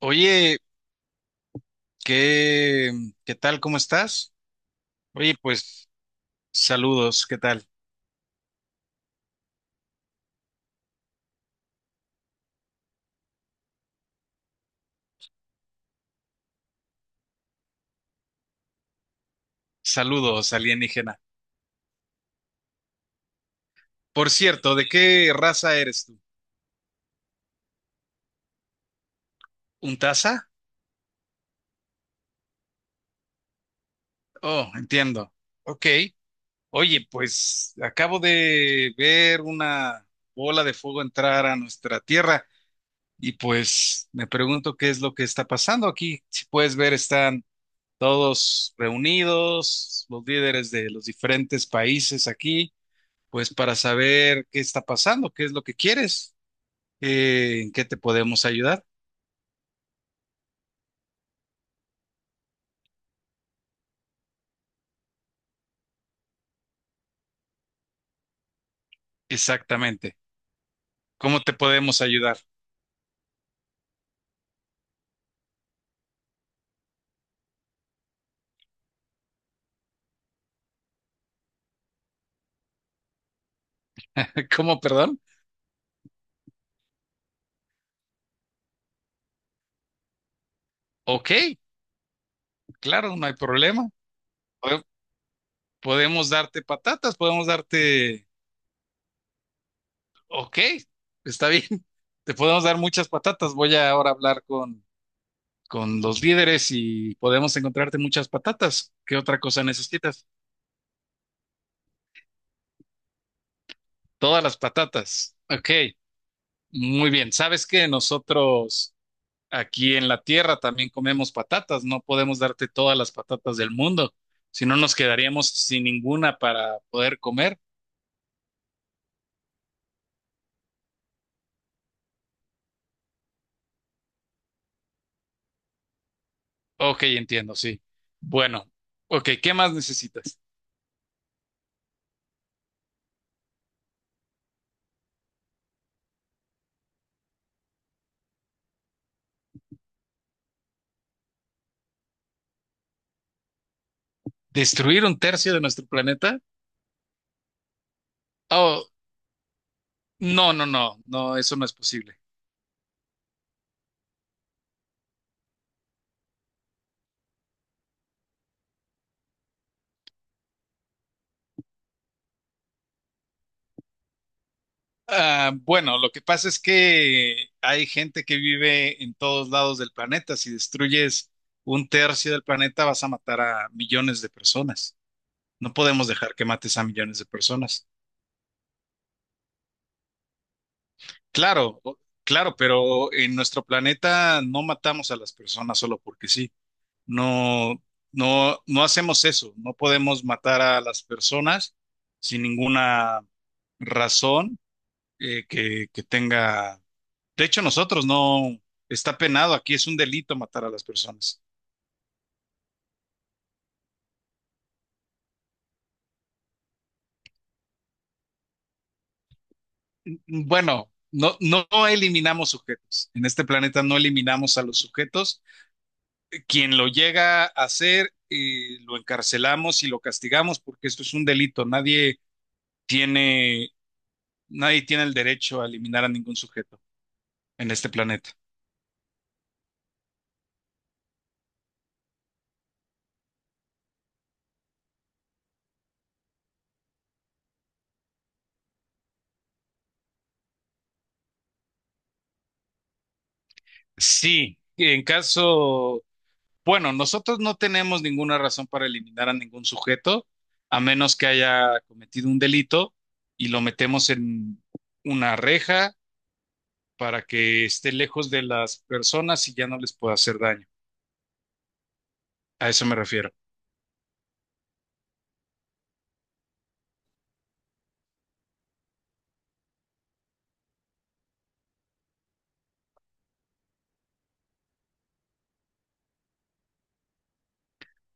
Oye, ¿qué, qué tal? ¿Cómo estás? Oye, pues saludos, ¿qué tal? Saludos, alienígena. Por cierto, ¿de qué raza eres tú? ¿Un taza? Oh, entiendo. Ok. Oye, pues acabo de ver una bola de fuego entrar a nuestra tierra y pues me pregunto qué es lo que está pasando aquí. Si puedes ver, están todos reunidos, los líderes de los diferentes países aquí. Pues para saber qué está pasando, qué es lo que quieres, en qué te podemos ayudar. Exactamente. ¿Cómo te podemos ayudar? ¿Cómo, perdón? Ok, claro, no hay problema. Pode- Podemos darte patatas, podemos darte... Ok, está bien. Te podemos dar muchas patatas. Voy a ahora hablar con los líderes y podemos encontrarte muchas patatas. ¿Qué otra cosa necesitas? Todas las patatas. Ok, muy bien. ¿Sabes qué? Nosotros... Aquí en la tierra también comemos patatas, no podemos darte todas las patatas del mundo, si no nos quedaríamos sin ninguna para poder comer. Ok, entiendo, sí. Bueno, ok, ¿qué más necesitas? ¿Destruir un tercio de nuestro planeta? Oh, no, no, no, no, eso no es posible. Ah, bueno, lo que pasa es que hay gente que vive en todos lados del planeta. Si destruyes un tercio del planeta, vas a matar a millones de personas. No podemos dejar que mates a millones de personas. Claro, claro, pero en nuestro planeta no matamos a las personas solo porque sí. No, no, no hacemos eso. No podemos matar a las personas sin ninguna razón que tenga. De hecho, nosotros no está penado aquí, es un delito matar a las personas. Bueno, no, no eliminamos sujetos. En este planeta no eliminamos a los sujetos. Quien lo llega a hacer, lo encarcelamos y lo castigamos porque esto es un delito. Tiene, nadie tiene el derecho a eliminar a ningún sujeto en este planeta. Sí, en caso, bueno, nosotros no tenemos ninguna razón para eliminar a ningún sujeto, a menos que haya cometido un delito y lo metemos en una reja para que esté lejos de las personas y ya no les pueda hacer daño. A eso me refiero.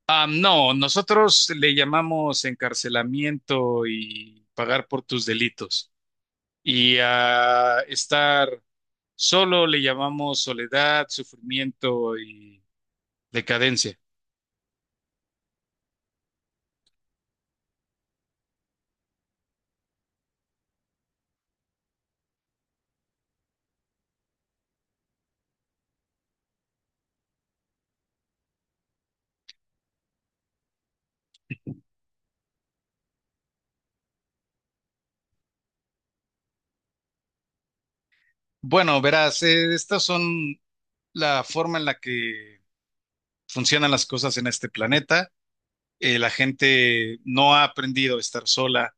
Ah, no, nosotros le llamamos encarcelamiento y pagar por tus delitos. Y a estar solo le llamamos soledad, sufrimiento y decadencia. Bueno, verás, estas son la forma en la que funcionan las cosas en este planeta. La gente no ha aprendido a estar sola.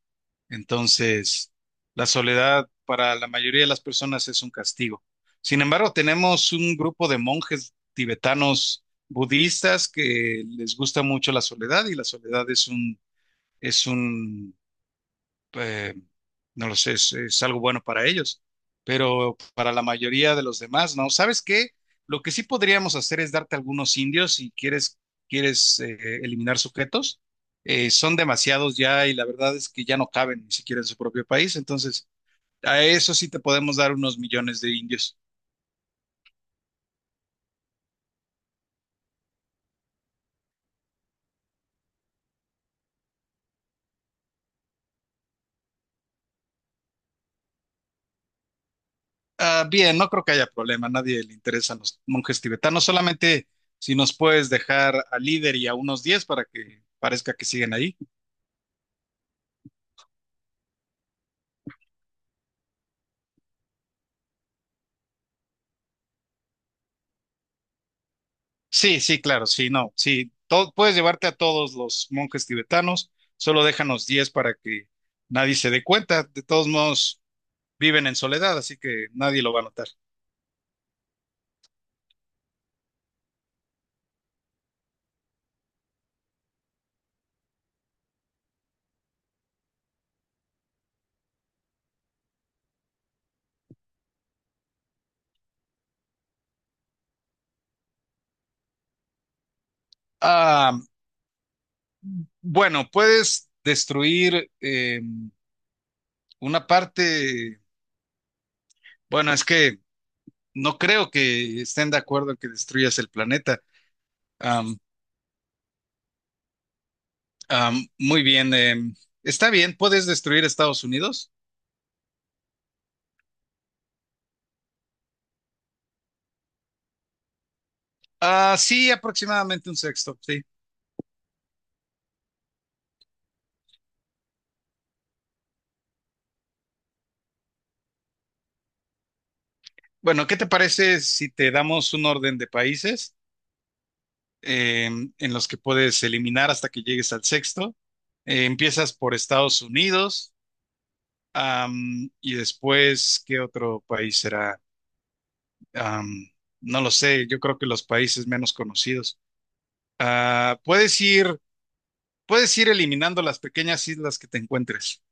Entonces, la soledad para la mayoría de las personas es un castigo. Sin embargo, tenemos un grupo de monjes tibetanos budistas que les gusta mucho la soledad y la soledad es un eh, no lo sé, es algo bueno para ellos, pero para la mayoría de los demás, ¿no? ¿Sabes qué? Lo que sí podríamos hacer es darte algunos indios si quieres, eliminar sujetos. Son demasiados ya y la verdad es que ya no caben ni siquiera en su propio país, entonces a eso sí te podemos dar unos millones de indios. Ah, bien, no creo que haya problema, a nadie le interesan los monjes tibetanos, solamente si nos puedes dejar al líder y a unos 10 para que parezca que siguen ahí. Sí, sí, claro, sí, no, sí, todo, puedes llevarte a todos los monjes tibetanos, solo déjanos 10 para que nadie se dé cuenta. De todos modos viven en soledad, así que nadie lo va a notar. Ah, bueno, puedes destruir una parte, bueno, es que no creo que estén de acuerdo en que destruyas el planeta. Am, Muy bien, está bien, puedes destruir Estados Unidos. Ah, sí, aproximadamente un sexto, sí. Bueno, ¿qué te parece si te damos un orden de países eh, en los que puedes eliminar hasta que llegues al sexto? Empiezas por Estados Unidos, y después, ¿qué otro país será? Am, no lo sé, yo creo que los países menos conocidos. Ah, puedes ir eliminando las pequeñas islas que te encuentres.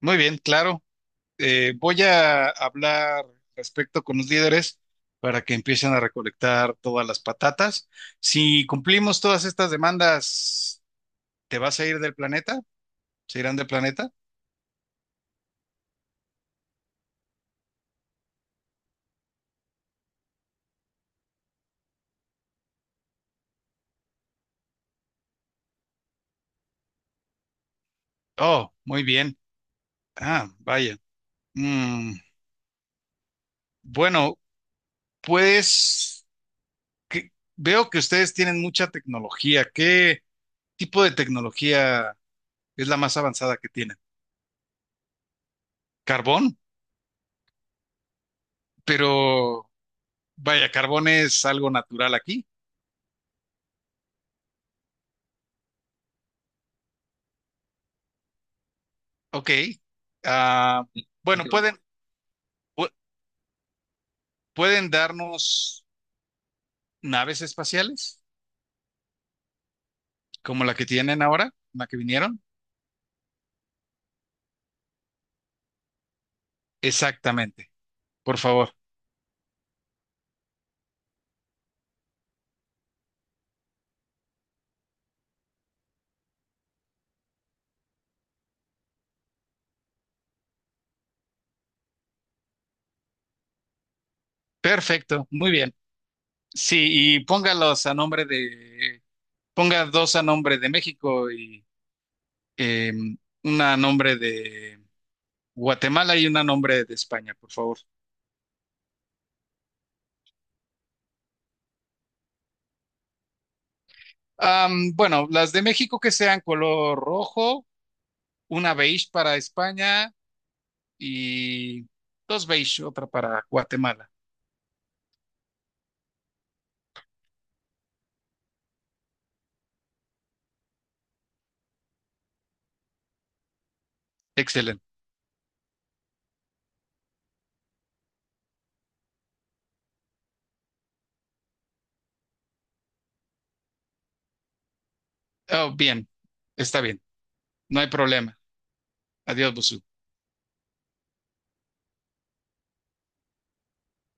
Muy bien, claro. Voy a hablar respecto con los líderes para que empiecen a recolectar todas las patatas. Si cumplimos todas estas demandas, ¿te vas a ir del planeta? ¿Se irán del planeta? Oh, muy bien. Ah, vaya. Mm, bueno, pues veo que ustedes tienen mucha tecnología. ¿Qué tipo de tecnología es la más avanzada que tienen? ¿Carbón? Pero vaya, carbón es algo natural aquí. Ok. Ah, bueno, digo, pu- pueden darnos naves espaciales como la que tienen ahora, la que vinieron. Exactamente, por favor. Perfecto, muy bien. Sí, y póngalos a nombre de, ponga dos a nombre de México y eh, una a nombre de Guatemala y una a nombre de España, por favor. Bueno, las de México que sean color rojo, una beige para España y dos beige, otra para Guatemala. Excelente. Oh, bien, está bien, no hay problema. Adiós, Busu.